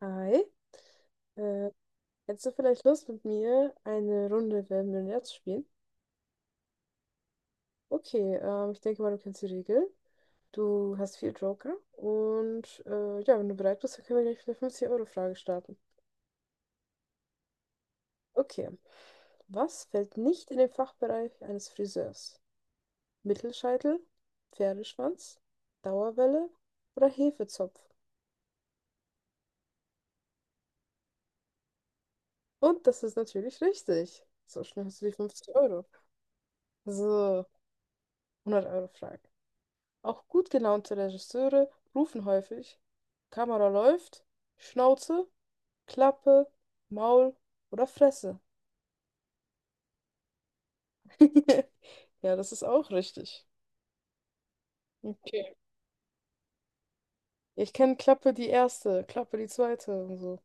Hi. Äh, Hättest du vielleicht Lust mit mir eine Runde Wer wird Millionär zu spielen? Okay, ich denke mal, du kennst die Regeln. Du hast vier Joker und ja, wenn du bereit bist, dann können wir gleich mit der 50-Euro-Frage starten. Okay. Was fällt nicht in den Fachbereich eines Friseurs? Mittelscheitel, Pferdeschwanz, Dauerwelle oder Hefezopf? Und das ist natürlich richtig. So schnell hast du die 50 Euro. So, 100 Euro Frage. Auch gut gelaunte Regisseure rufen häufig: Kamera läuft, Schnauze, Klappe, Maul oder Fresse. Ja, das ist auch richtig. Okay. Ich kenne Klappe die erste, Klappe die zweite und so.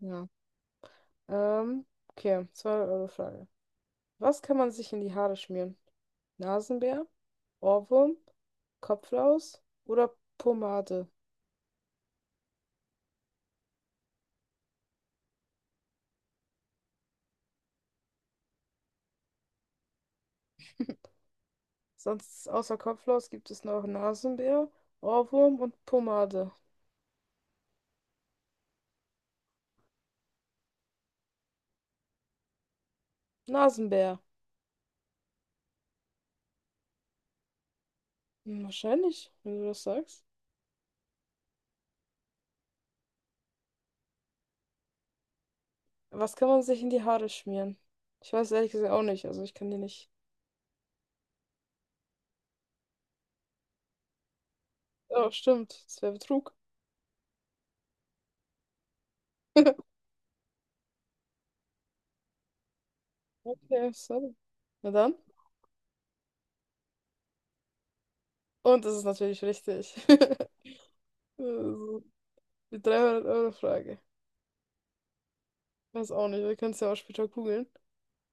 Ja. Okay, zweite Euro Frage. Was kann man sich in die Haare schmieren? Nasenbär, Ohrwurm, Kopflaus oder Pomade? Sonst außer Kopflaus gibt es noch Nasenbär, Ohrwurm und Pomade. Nasenbär. Hm, wahrscheinlich, wenn du das sagst. Was kann man sich in die Haare schmieren? Ich weiß ehrlich gesagt auch nicht. Also ich kann dir nicht. Oh, stimmt. Das wäre Betrug. Okay, sorry. Na dann. Und das ist natürlich richtig. Also, die 300 Euro Frage. Weiß auch nicht. Wir können es ja auch später googeln.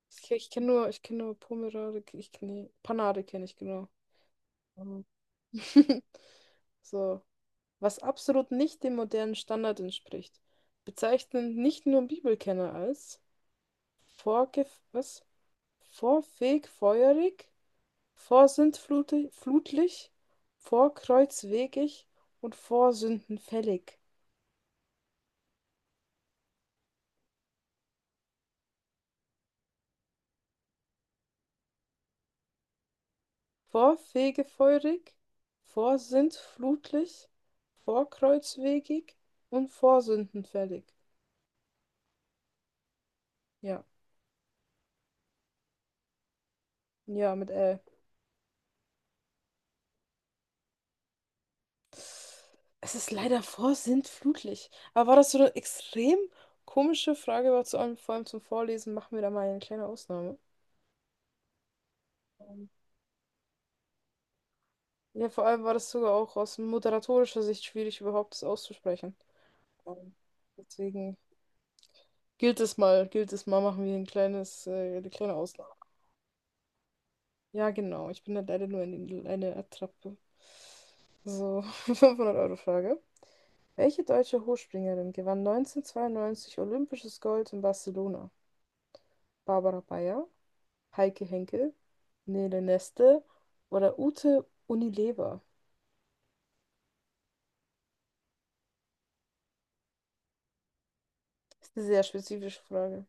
Ich kenne nur Pomerade. Ich, nee, Panade kenne ich genau. Mhm. So, was absolut nicht dem modernen Standard entspricht, bezeichnen nicht nur Bibelkenner als vorgef was? Vorfegfeuerig, vorsintflutlich, vorkreuzwegig und vorsündenfällig. Vorfegefeuerig, vorsintflutlich, vorkreuzwegig und vorsündenfällig. Ja, ja, mit L. Es ist leider vorsintflutlich. Aber war das so eine extrem komische Frage, war zu allem, vor allem zum Vorlesen, machen wir da mal eine kleine Ausnahme. Ähm, Ja, vor allem war das sogar auch aus moderatorischer Sicht schwierig, überhaupt das auszusprechen. Ähm, Deswegen gilt es mal, machen wir eine kleine Ausnahme. Ja, genau. Ich bin halt leider nur eine Attrappe. So, 500 Euro Frage. Welche deutsche Hochspringerin gewann 1992 olympisches Gold in Barcelona? Barbara Bayer, Heike Henkel, Nele Neste oder Ute Unilever? Ist eine sehr spezifische Frage.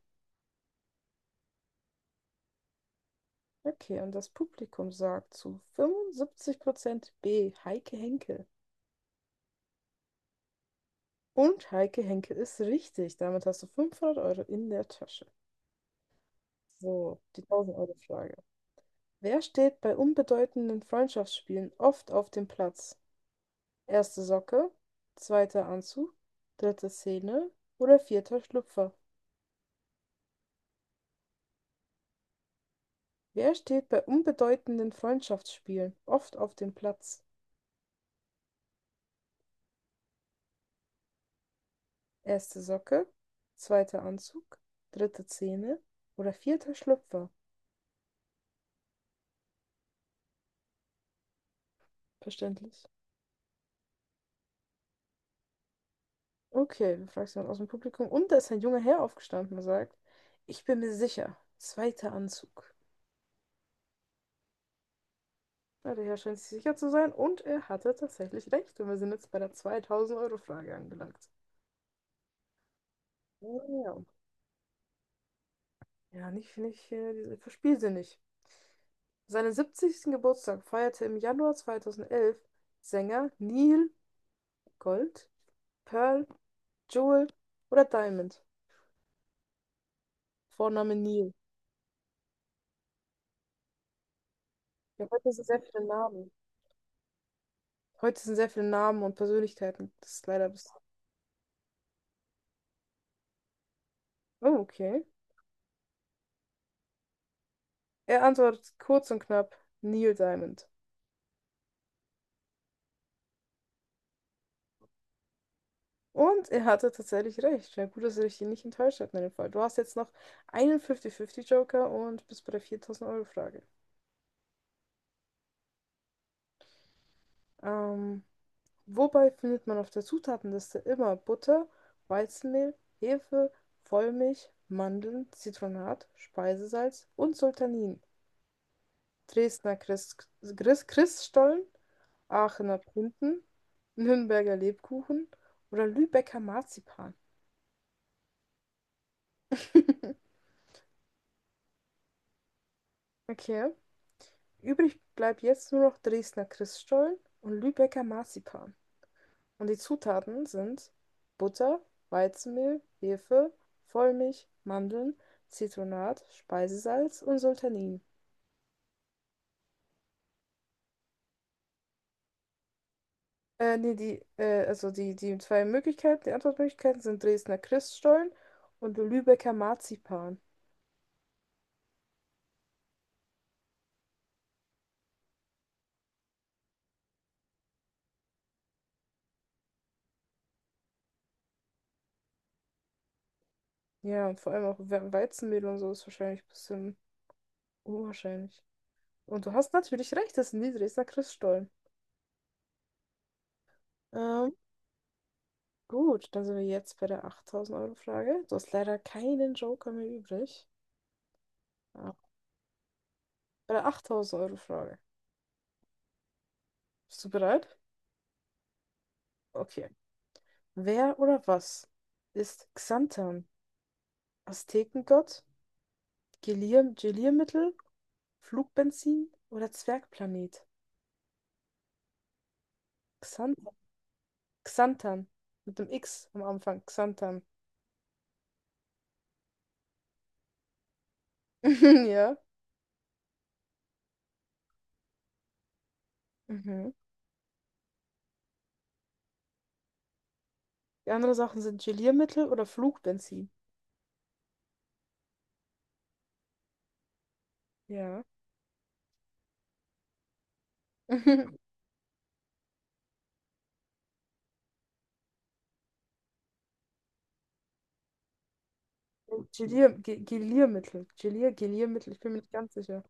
Okay, und das Publikum sagt zu 75% B, Heike Henkel. Und Heike Henkel ist richtig. Damit hast du 500 Euro in der Tasche. So, die 1000-Euro-Frage. Wer steht bei unbedeutenden Freundschaftsspielen oft auf dem Platz? Erste Socke, zweiter Anzug, dritte Szene oder vierter Schlüpfer? Wer steht bei unbedeutenden Freundschaftsspielen oft auf dem Platz? Erste Socke, zweiter Anzug, dritte Zähne oder vierter Schlüpfer? Verständlich. Okay, wir fragen jemand aus dem Publikum. Und da ist ein junger Herr aufgestanden und sagt, ich bin mir sicher, zweiter Anzug. Na, der Herr scheint sich sicher zu sein und er hatte tatsächlich recht. Und wir sind jetzt bei der 2000-Euro-Frage angelangt. Ja, ja, nicht, nicht, verspiel sie nicht. Seinen 70. Geburtstag feierte im Januar 2011 Sänger Neil Gold, Pearl, Jewel oder Diamond. Vorname Neil. Ja, heute sind sehr viele Namen. Heute sind sehr viele Namen und Persönlichkeiten. Das ist leider bis. Oh, okay. Er antwortet kurz und knapp: Neil Diamond. Und er hatte tatsächlich recht. Ja, gut, dass er dich nicht enttäuscht hat in dem Fall. Du hast jetzt noch einen 50-50 Joker und bist bei der 4000-Euro-Frage. Ähm. Wobei findet man auf der Zutatenliste immer Butter, Weizenmehl, Hefe, Vollmilch, Mandeln, Zitronat, Speisesalz und Sultanin: Dresdner Christstollen, Aachener Printen, Nürnberger Lebkuchen oder Lübecker Marzipan? Okay. Übrig bleibt jetzt nur noch Dresdner Christstollen und Lübecker Marzipan. Und die Zutaten sind Butter, Weizenmehl, Hefe, Vollmilch, Mandeln, Zitronat, Speisesalz und Sultanin. Nee, die zwei Möglichkeiten, die Antwortmöglichkeiten sind Dresdner Christstollen und Lübecker Marzipan. Ja, und vor allem auch Weizenmehl und so ist wahrscheinlich ein bisschen unwahrscheinlich. Und du hast natürlich recht, das sind die Dresdner Christstollen. Ähm, gut, dann sind wir jetzt bei der 8000-Euro-Frage. Du hast leider keinen Joker mehr übrig. Ah, bei der 8000-Euro-Frage. Bist du bereit? Okay. Wer oder was ist Xanthan? Aztekengott, Gelir Geliermittel, Flugbenzin oder Zwergplanet? Xanthan. Xanthan. Mit dem X am Anfang. Xanthan. Ja. Mhm. Die anderen Sachen sind Geliermittel oder Flugbenzin. Ja. Geliermittel. Geliermittel. Ich bin mir nicht ganz sicher.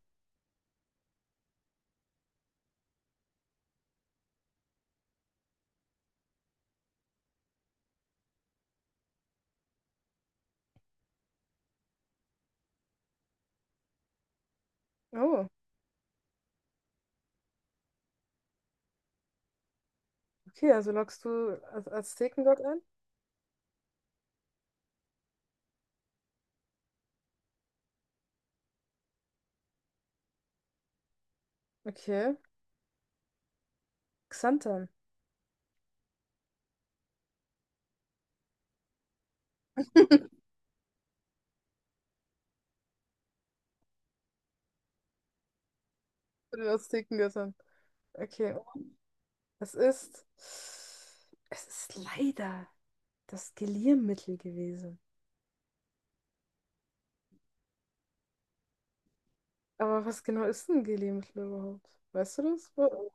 Oh, okay. Also loggst du Az Aztekengott ein? Okay. Xanthan. Würde das Ticken gestern. Okay, es ist. Es ist leider das Geliermittel gewesen. Aber was genau ist ein Geliermittel überhaupt? Weißt du das? Wo-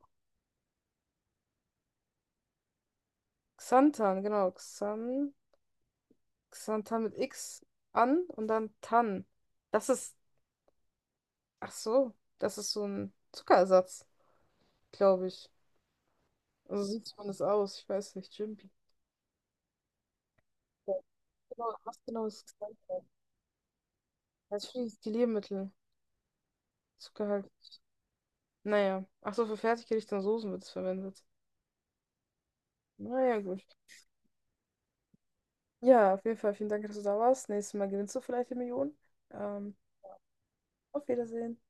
Xanthan, genau. Xanthan mit X an und dann Tan. Das ist. Ach so, das ist so ein Zuckerersatz, glaube ich. Also so sieht man das aus. Ich weiß nicht. Jimpi. Genau, was genau ist Xanthan? Das ist für dieses Geliermittel. Zuckerhalt. Naja. Ach so, für Fertiggerichte und Soßen wird es verwendet. Naja, gut. Ja, auf jeden Fall vielen Dank, dass du da warst. Nächstes Mal gewinnst du vielleicht die Million. Ähm, auf Wiedersehen.